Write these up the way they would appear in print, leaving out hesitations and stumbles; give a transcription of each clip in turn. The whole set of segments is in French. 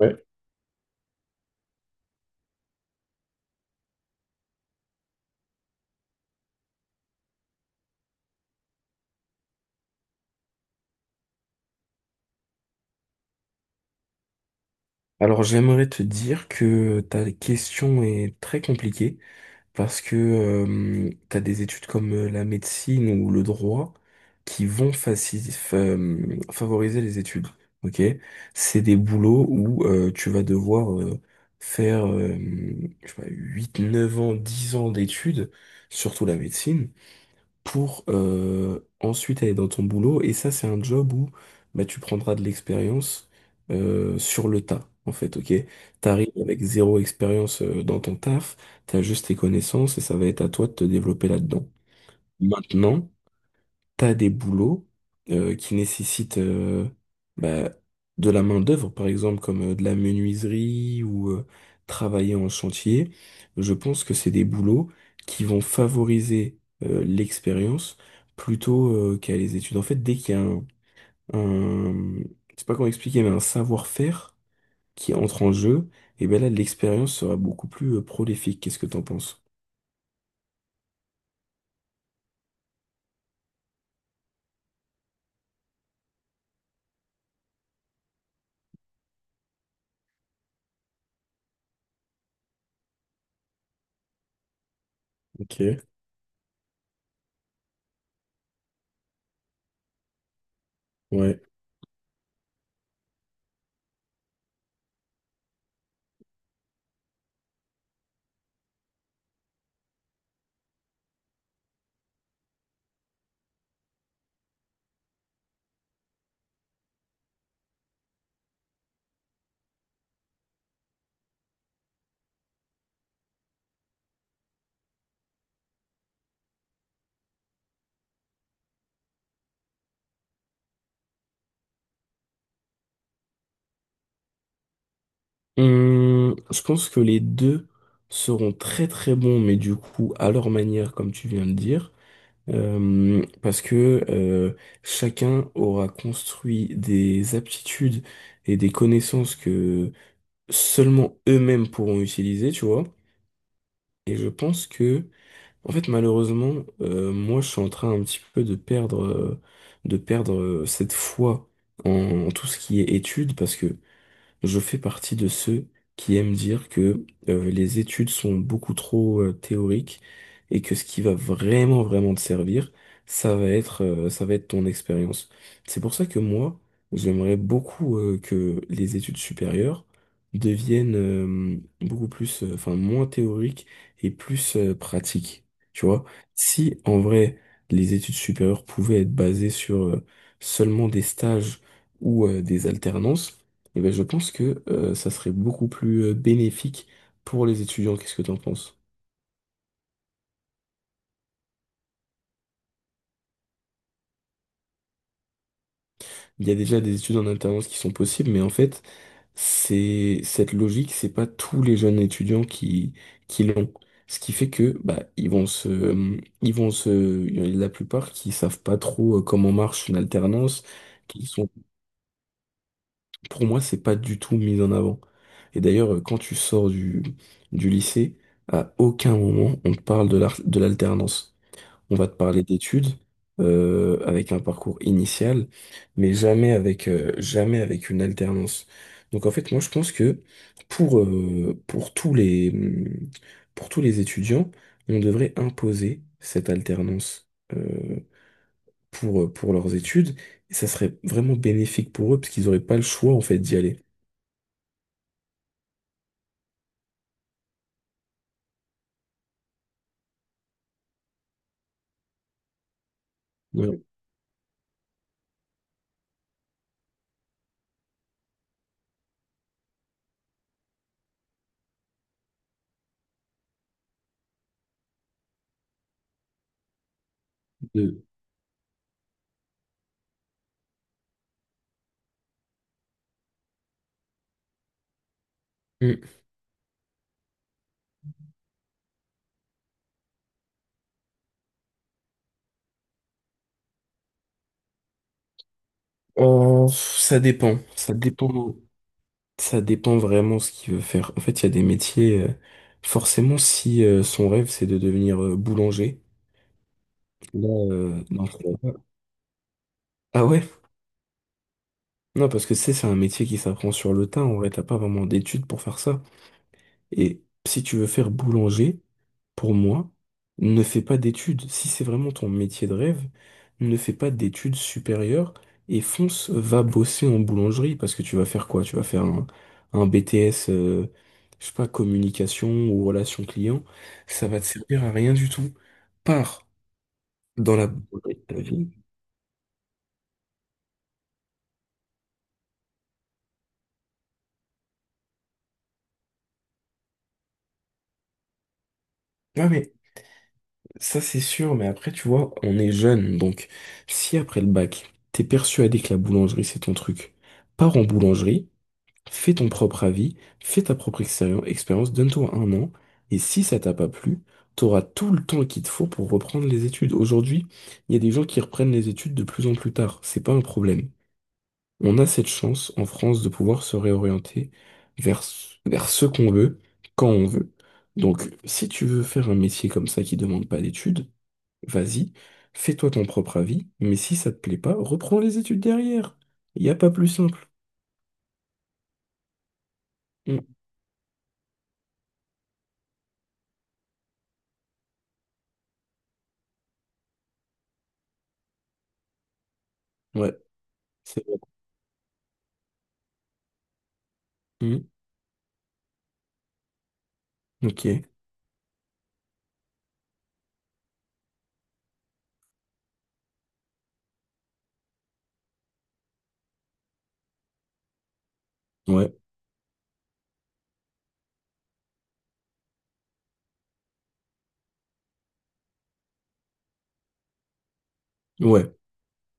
Ouais. Alors j'aimerais te dire que ta question est très compliquée parce que tu as des études comme la médecine ou le droit qui vont favoriser les études. Ok? C'est des boulots où tu vas devoir faire je sais pas, 8, 9 ans, 10 ans d'études, surtout la médecine, pour ensuite aller dans ton boulot. Et ça, c'est un job où bah, tu prendras de l'expérience sur le tas, en fait, ok? T'arrives avec zéro expérience dans ton taf, t'as juste tes connaissances et ça va être à toi de te développer là-dedans. Maintenant, t'as des boulots qui nécessitent bah, de la main-d'œuvre, par exemple, comme de la menuiserie ou travailler en chantier. Je pense que c'est des boulots qui vont favoriser l'expérience plutôt qu'à les études. En fait, dès qu'il y a un- je sais pas comment expliquer, mais un savoir-faire qui entre en jeu, et ben là, l'expérience sera beaucoup plus prolifique. Qu'est-ce que t'en penses? Ok, ouais. Je pense que les deux seront très très bons, mais du coup à leur manière, comme tu viens de dire. Parce que chacun aura construit des aptitudes et des connaissances que seulement eux-mêmes pourront utiliser, tu vois. Et je pense que, en fait, malheureusement, moi je suis en train un petit peu de perdre cette foi en tout ce qui est études, parce que je fais partie de ceux qui aiment dire que les études sont beaucoup trop théoriques et que ce qui va vraiment vraiment te servir, ça va être ça va être ton expérience. C'est pour ça que moi, j'aimerais beaucoup que les études supérieures deviennent beaucoup plus enfin moins théoriques et plus pratiques. Tu vois, si en vrai les études supérieures pouvaient être basées sur seulement des stages ou des alternances eh ben, je pense que ça serait beaucoup plus bénéfique pour les étudiants. Qu'est-ce que t'en penses? Il y a déjà des études en alternance qui sont possibles, mais en fait, c'est cette logique, c'est pas tous les jeunes étudiants qui l'ont. Ce qui fait que bah ils vont se il y en a la plupart qui savent pas trop comment marche une alternance, qui sont pour moi c'est pas du tout mis en avant. Et d'ailleurs, quand tu sors du lycée, à aucun moment on te parle de de l'alternance. On va te parler d'études avec un parcours initial, mais jamais jamais avec une alternance. Donc en fait, moi je pense que pour, euh, pour tous les, hum, pour tous les étudiants, on devrait imposer cette alternance euh, pour leurs études, et ça serait vraiment bénéfique pour eux, parce qu'ils n'auraient pas le choix en fait d'y aller. Ouais. De- Hum. Oh, ça dépend, ça dépend. Ça dépend vraiment ce qu'il veut faire. En fait, il y a des métiers, forcément, si son rêve, c'est de devenir boulanger, là, non, ça va pas. Ah ouais? Non, parce que tu sais, c'est un métier qui s'apprend sur le tas. En vrai, t'as pas vraiment d'études pour faire ça. Et si tu veux faire boulanger, pour moi, ne fais pas d'études. Si c'est vraiment ton métier de rêve, ne fais pas d'études supérieures et fonce, va bosser en boulangerie parce que tu vas faire quoi? Tu vas faire un BTS, je sais pas, communication ou relation client. Ça va te servir à rien du tout. Pars dans la boulangerie de ta vie. Ah mais ça c'est sûr, mais après tu vois, on est jeune, donc si après le bac, t'es persuadé que la boulangerie c'est ton truc, pars en boulangerie. Fais ton propre avis, fais ta propre expérience, donne-toi un an, et si ça t'a pas plu, t'auras tout le temps qu'il te faut pour reprendre les études. Aujourd'hui, il y a des gens qui reprennent les études de plus en plus tard, c'est pas un problème. On a cette chance en France de pouvoir se réorienter vers, vers ce qu'on veut, quand on veut. Donc, si tu veux faire un métier comme ça qui demande pas d'études, vas-y, fais-toi ton propre avis, mais si ça te plaît pas, reprends les études derrière. Il n'y a pas plus simple. Mm. Ouais, c'est vrai. Mmh. Ok, ouais, ouais.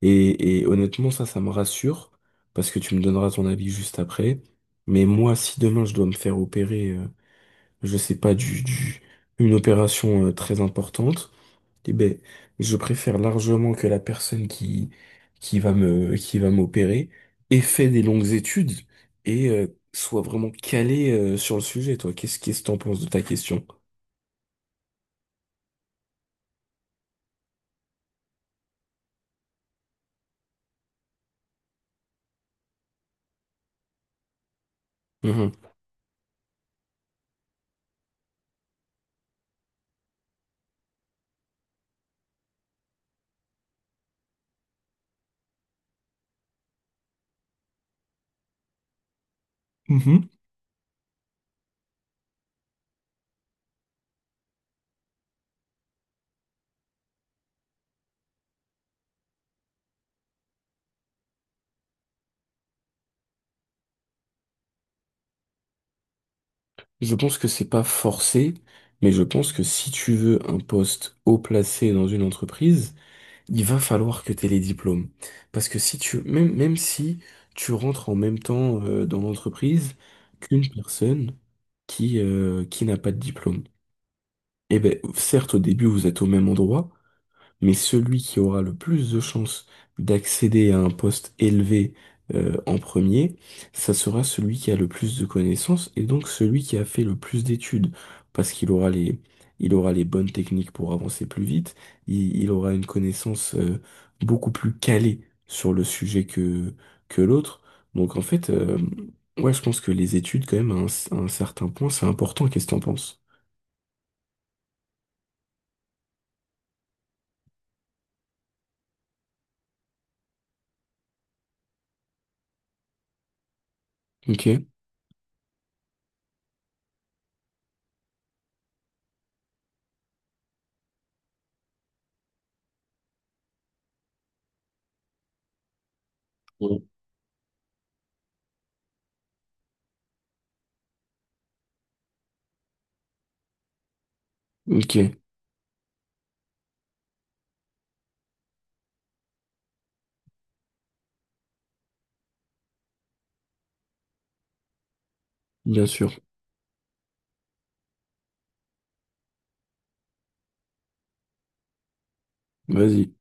Et honnêtement, ça me rassure, parce que tu me donneras ton avis juste après. Mais moi, si demain je dois me faire opérer, je sais pas, une opération très importante, eh ben, je préfère largement que la personne qui va qui va m'opérer ait fait des longues études et soit vraiment calée sur le sujet, toi. Qu'est-ce que t'en penses de ta question? Mhm. Je pense que c'est pas forcé, mais je pense que si tu veux un poste haut placé dans une entreprise, il va falloir que tu aies les diplômes. Parce que si tu, même, même si tu rentres en même temps dans l'entreprise qu'une personne qui n'a pas de diplôme, eh ben, certes, au début, vous êtes au même endroit, mais celui qui aura le plus de chances d'accéder à un poste élevé en premier, ça sera celui qui a le plus de connaissances et donc celui qui a fait le plus d'études, parce qu'il aura les, il aura les bonnes techniques pour avancer plus vite, il aura une connaissance beaucoup plus calée sur le sujet que l'autre. Donc en fait, ouais, je pense que les études, quand même, à un certain point, c'est important. Qu'est-ce que t'en penses? Ok. Ouais. Ok, bien sûr. Vas-y.